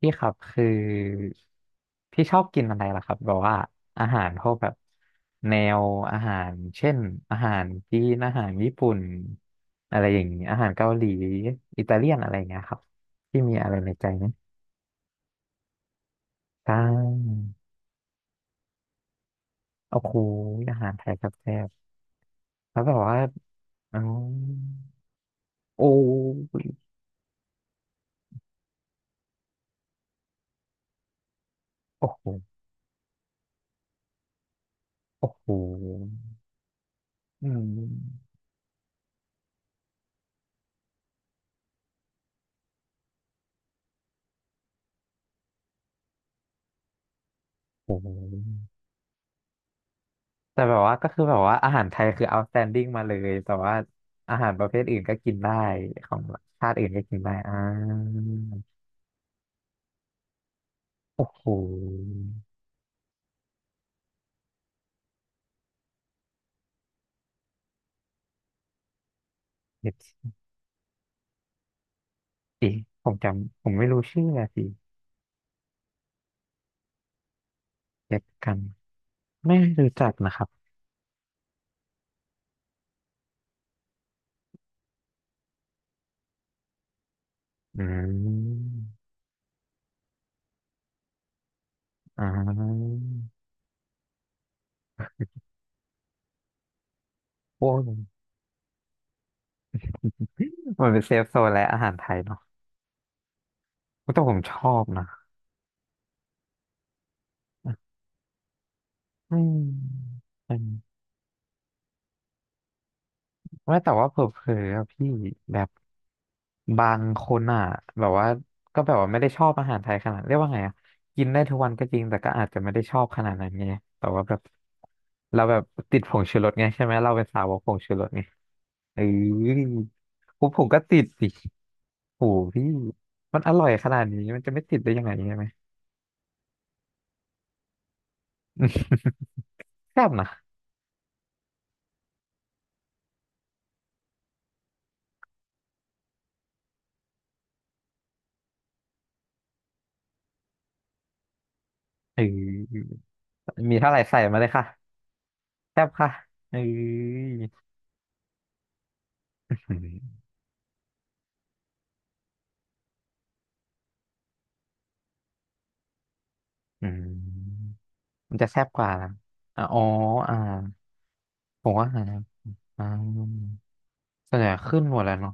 พี่ครับคือพี่ชอบกินอะไรล่ะครับแบบว่าอาหารพวกแบบแนวอาหารเช่นอาหารจีนอาหารญี่ปุ่นอะไรอย่างนี้อาหารเกาหลีอิตาเลียนอะไรอย่างเงี้ยครับพี่มีอะไรในใจไหมใช่โอ้โหอาหารไทยครับแซ่บๆแล้วแบบว่าอ๋อโอ้โอ้โหโอ้โหอืมโอ้โห แต่แบบว่าก็คือแบบว่าอาหารไทยคือ outstanding มาเลยแต่ว่าอาหารประเภทอื่นก็กินได้ของชาติอื่นก็กินได้อ่าโอ้โหเด็ดสิผมจำผมไม่รู้ชื่ออะสิเด็ดกันไม่รู้จักนะครับอืมอ่าโอ้ยมันเป็นเซฟโซนและอาหารไทยเนาะแต่ผมชอบนะอืม ว่าแต่ว่าเผลอๆอะพี่แบบบางคนอ่ะแบบว่าก็แบบว่าไม่ได้ชอบอาหารไทยขนาดเรียกว่าไงอ่ะกินได้ทุกวันก็จริงแต่ก็อาจจะไม่ได้ชอบขนาดนั้นไงแต่ว่าแบบเราแบบติดผงชูรสไงใช่ไหมเราเป็นสาวกผงชูรสไงเออผมก็ติดสิโอ้โหพี่มันอร่อยขนาดนี้มันจะไม่ติดได้ยังไงใช่ไหม แซ่บนะเออมีเท่าไหร่ใส่มาเลยค่ะแซ่บค่ะเอออืม มันจะแซ่บกว่านะอะอ๋ออ่าผมว่าหาอ่าส่วนใหญ่ขึ้นหมดแล้วเนาะ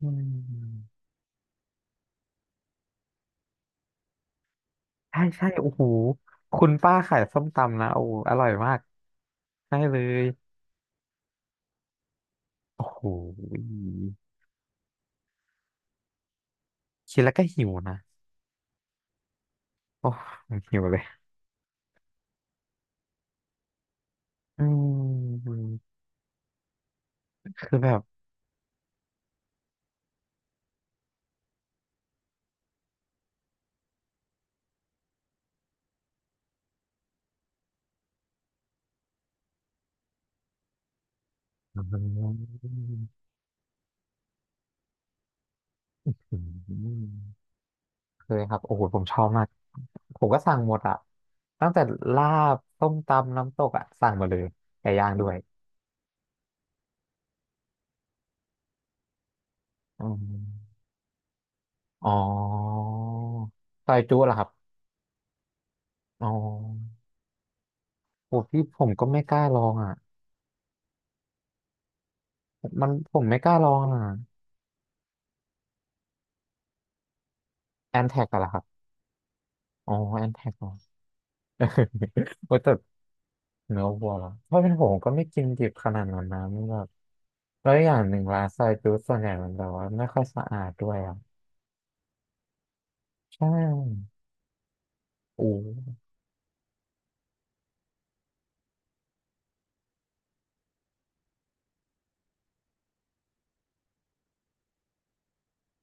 อืมใช่ใช่โอ้โหคุณป้าขายส้มตำนะโอ้โหอร่อยมาก ใช่เลยโอ้โหคิดแล้วก็หิวนะโอ้หิวเลย อืมคือแบบอืมเคยครับโอ้โหผมชอบมาก ผมก็สั่งหมดอ่ะ ตั้งแต่ลาบต้มตำ น้ำตกอ่ะ สั่งหมดเลยไก่ย่างด้วยอืม อ๋อซอยจุเหรอครับอ๋อโอ้พี่ผมก็ไม่กล้าลองอ่ะ มันผมไม่กล้าลองอ่ะ แอนแท็กอะเหรอครับอ๋อ แอนแท็กเหรอ โอ้แต่เนื้อวัวเหรอถ้าะเป็นผมก็ไม่กินดิบขนาดนั้นนะมันแบบแล้วอย่างหนึ่งร้านซอยจุส่วนใหญ่มันแบบว่าไม่ค่อยสะอาดด้วยอ่ะใช่โอ้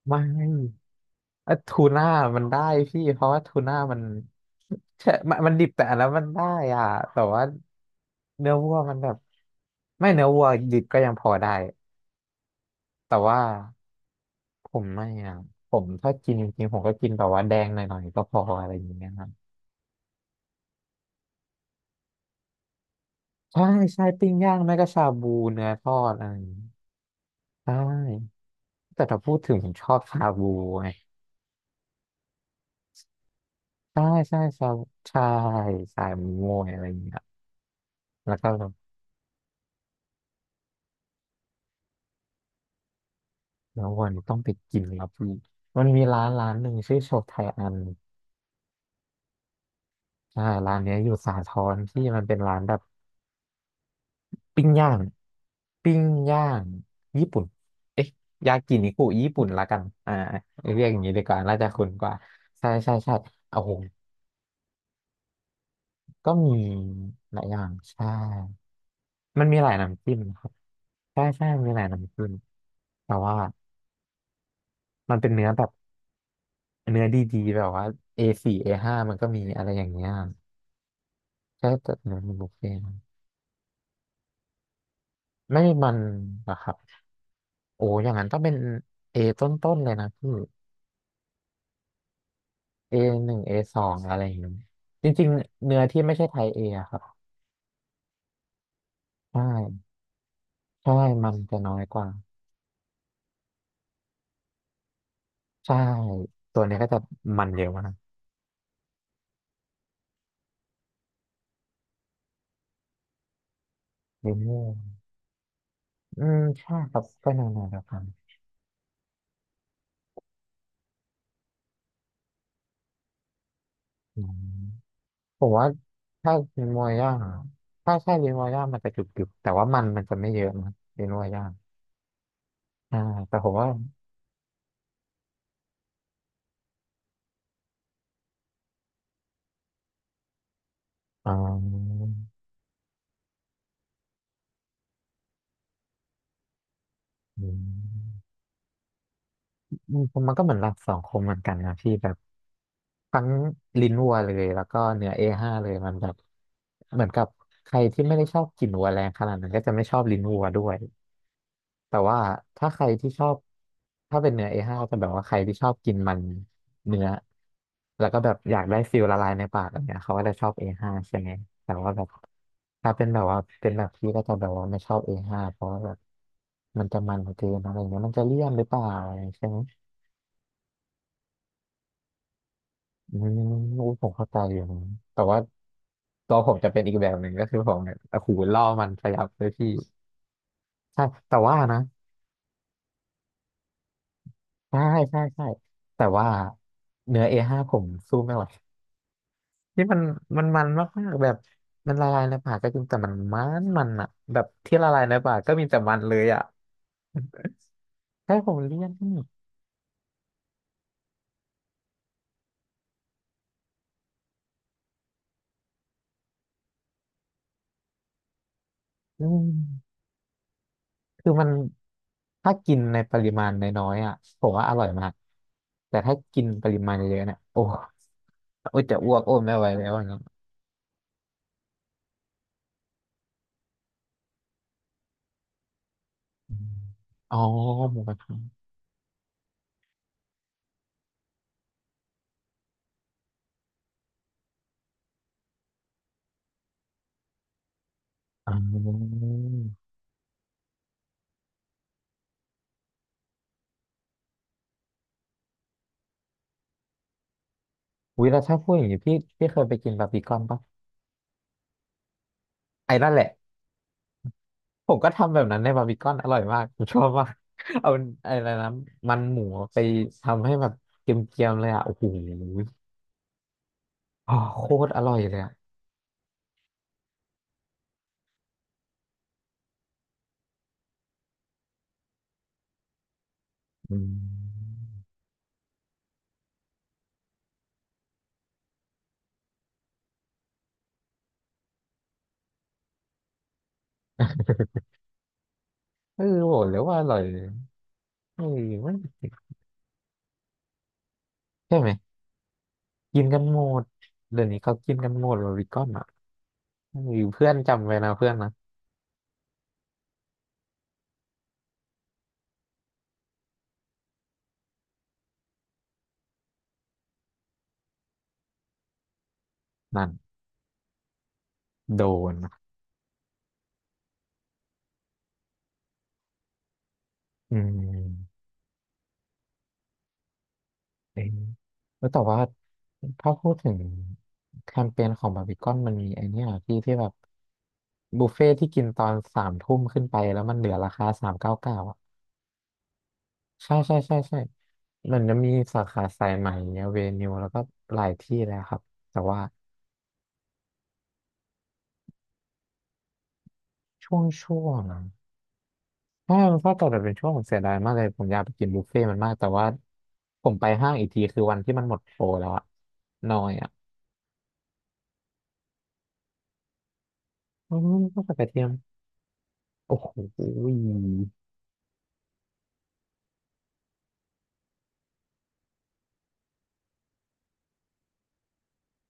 ไม่เอ่อทูน่ามันได้พี่เพราะว่าทูน่ามัน แค่มันดิบแต่อันนั้นมันได้อ่ะแต่ว่าเนื้อวัวมันแบบไม่เนื้อวัวดิบก็ยังพอได้แต่ว่าผมไม่อ่ะผมถ้ากินจริงๆผมก็กินแบบว่าแดงหน่อยๆก็พออะไรอย่างเงี้ยครับใช่ใช่ปิ้งย่างไม่ก็ชาบูเนื้อทอดอะไรอย่างเงี้ยใช่แต่ถ้าพูดถึงผมชอบชาบูไงใช่ใช่ชาใช่สายมวยอะไรอย่างเงี้ยแล้วก็ แล้ววันนี้ต้องไปกินครับพี่มันมีร้านหนึ่งชื่อโชไทอันใช่ร้านเนี้ยอยู่สาทรที่มันเป็นร้านแบบปิ้งย่าง ปิ้งย่างญี่ปุ่นเอ๊ะยากินิคุญี่ปุ่นละกันอ่าเรียกอย่างนี้ดีกว่าน่าจะคุ้นกว่าใช่ใช่ใช่โอ้โหก็มีหลายอย่างใช่มันมีหลายน้ำจิ้มนะครับใช่ใช่มีหลายน้ำจิ้มแต่ว่ามันเป็นเนื้อแบบเนื้อดีๆแบบว่าเอสี่เอห้ามันก็มีอะไรอย่างเงี้ยใช่แต่เนื้อมันบุฟเฟ่ต์ ไม่มันนะครับโอ้อย่างนั้นต้องเป็น A ต้นๆเลยนะพี่ A หนึ่ง A สองอะไรอย่างนี้จริงๆเนื้อที่ไม่ใช่ไทย A อะครับใช่ใช่มันจะน้อยกว่าใช่ตัวนี้ก็จะมันเยอะมากลิมโม่อืมใช่ครับก็นานๆแล้วครับอืมผมว่าถ้าลิมโม่ย่างอะถ้าใช่ลิมโม่ย่างมันจะกรุบๆแต่ว่ามันจะไม่เยอะนะลิมโม่ย่างใช่แต่ผมว่าอ๋ออืม อืมผมมันก็เหมือนหลักสองคมเหมือนกันนะพี่แบบทั้งลิ้นวัวเลยแล้วก็เนื้อเอห้าเลยมันแบบเหมือนกับใครที่ไม่ได้ชอบกลิ่นวัวแรงขนาดนั้นก็จะไม่ชอบลิ้นวัวด้วยแต่ว่าถ้าใครที่ชอบถ้าเป็นเนื้อ A5 จะแบบว่าใครที่ชอบกินมันเนื้อแล้วก็แบบอยากได้ฟิลละลายในปากแบบเนี้ยเขาก็จะชอบ A5 ใช่ไหมแต่ว่าแบบถ้าเป็นแบบว่าเป็นแบบพี่ก็จะแบบว่าไม่ชอบ A5 เพราะว่าแบบมันจะมันเกินอะไรเงี้ยมันจะเลี่ยนหรือเปล่าอะไรใช่ไหม อืมอุ๊ยผมเข้าใจอยู่นะแต่ว่าตัวผมจะเป็นอีกแบบหนึ่งก็คือผมเนี่ยโอ้โหล่อมันพยับเลยพี่ใช่แต่ว่านะใช่ใช่ใช่แต่ว่าเนื้อ A5 ผมสู้ไม่ไหวนี่มันมันมากมากแบบมันละลายในปากก็จริงแต่มันมันอะแบบที่ละลายในปากก็มีแต่มันเลยอะ ใช่ผมเลี่ยนอืม คือมันถ้ากินในปริมาณน้อยๆอ่ะผมว่าอร่อยมากแต่ถ้ากินปริมาณเยอะๆเนี่ยโอ้โอ้ยจะอ้วกโอ้ยไม่ไหวแล้วอย่างเงี้ยอืมอ๋อหมูกระทะอ๋ออุ้ยแล้วถ้าพูดอย่างนี้พี่เคยไปกินบาร์บีคอนปะไอ้นั่นแหละผมก็ทำแบบนั้นในบาร์บีคอนอร่อยมากผมชอบมาก เอาอะไรนะมันหมูไปทำให้แบบเกรียมๆเลยอ่ะโอ้โหอ๋อโคตรอร่อยเลยอ่ะอืมเออโหแล้วว่าอร่อยเออ ใช่ไหมกินกันหมดเดี๋ยวนี้เขากินกันหมดบาร์บีคอนอ่ะมีเพื่อนจำไว้นะเพื่อนนะนั่นโดนนะอืมเอ้ยแล้วแต่ว่าถ้าพูดถึงแคมเปญของบาร์บีคอนมันมีไอเนี้ยที่แบบบุฟเฟ่ที่กินตอนสามทุ่มขึ้นไปแล้วมันเหลือราคา399อ่ะใช่ใช่มันจะมีสาขาสายใหม่เวนิวแล้วก็หลายที่แล้วครับแต่ว่าช่วง ใช่มันก็ต่อแบบเป็นช่วงผมเสียดายมากเลยผมอยากไปกินบุฟเฟ่ต์มันมากแต่ว่าผมไปห้างอีกทีคือวันที่มันหมดโปรแล้วอะน้อยอะอืมก็กระเทียมโอ้โห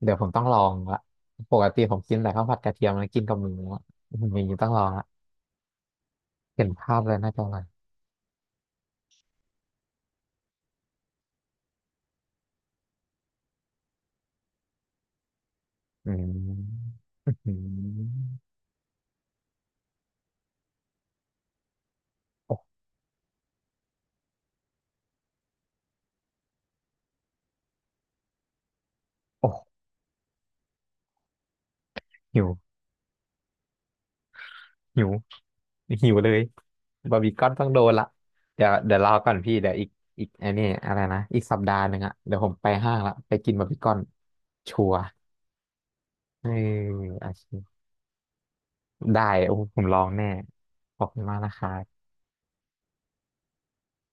เดี๋ยวผมต้องลองละปกติผมกินแต่ข้าวผัดกระเทียมแล้วกินกับหมูอะอืมอย่างนี้ต้องลองละเห็นภาพเลยน่าจะอร่อยอืมอืมโอ้โอ้หิวหิว หิวเลยบาร์บีคอนต้องโดนละเดี๋ยวรอก่อนพี่เดี๋ยวอีกอีกไอันนี้อะไรนะอีกสัปดาห์หนึ่งอะเดี๋ยวผมไปห้างละไปกินบาร์บีคอนชัวร์เอออาชีพได้โอ้ผมลองแน่ขอบคุณมากนะครับ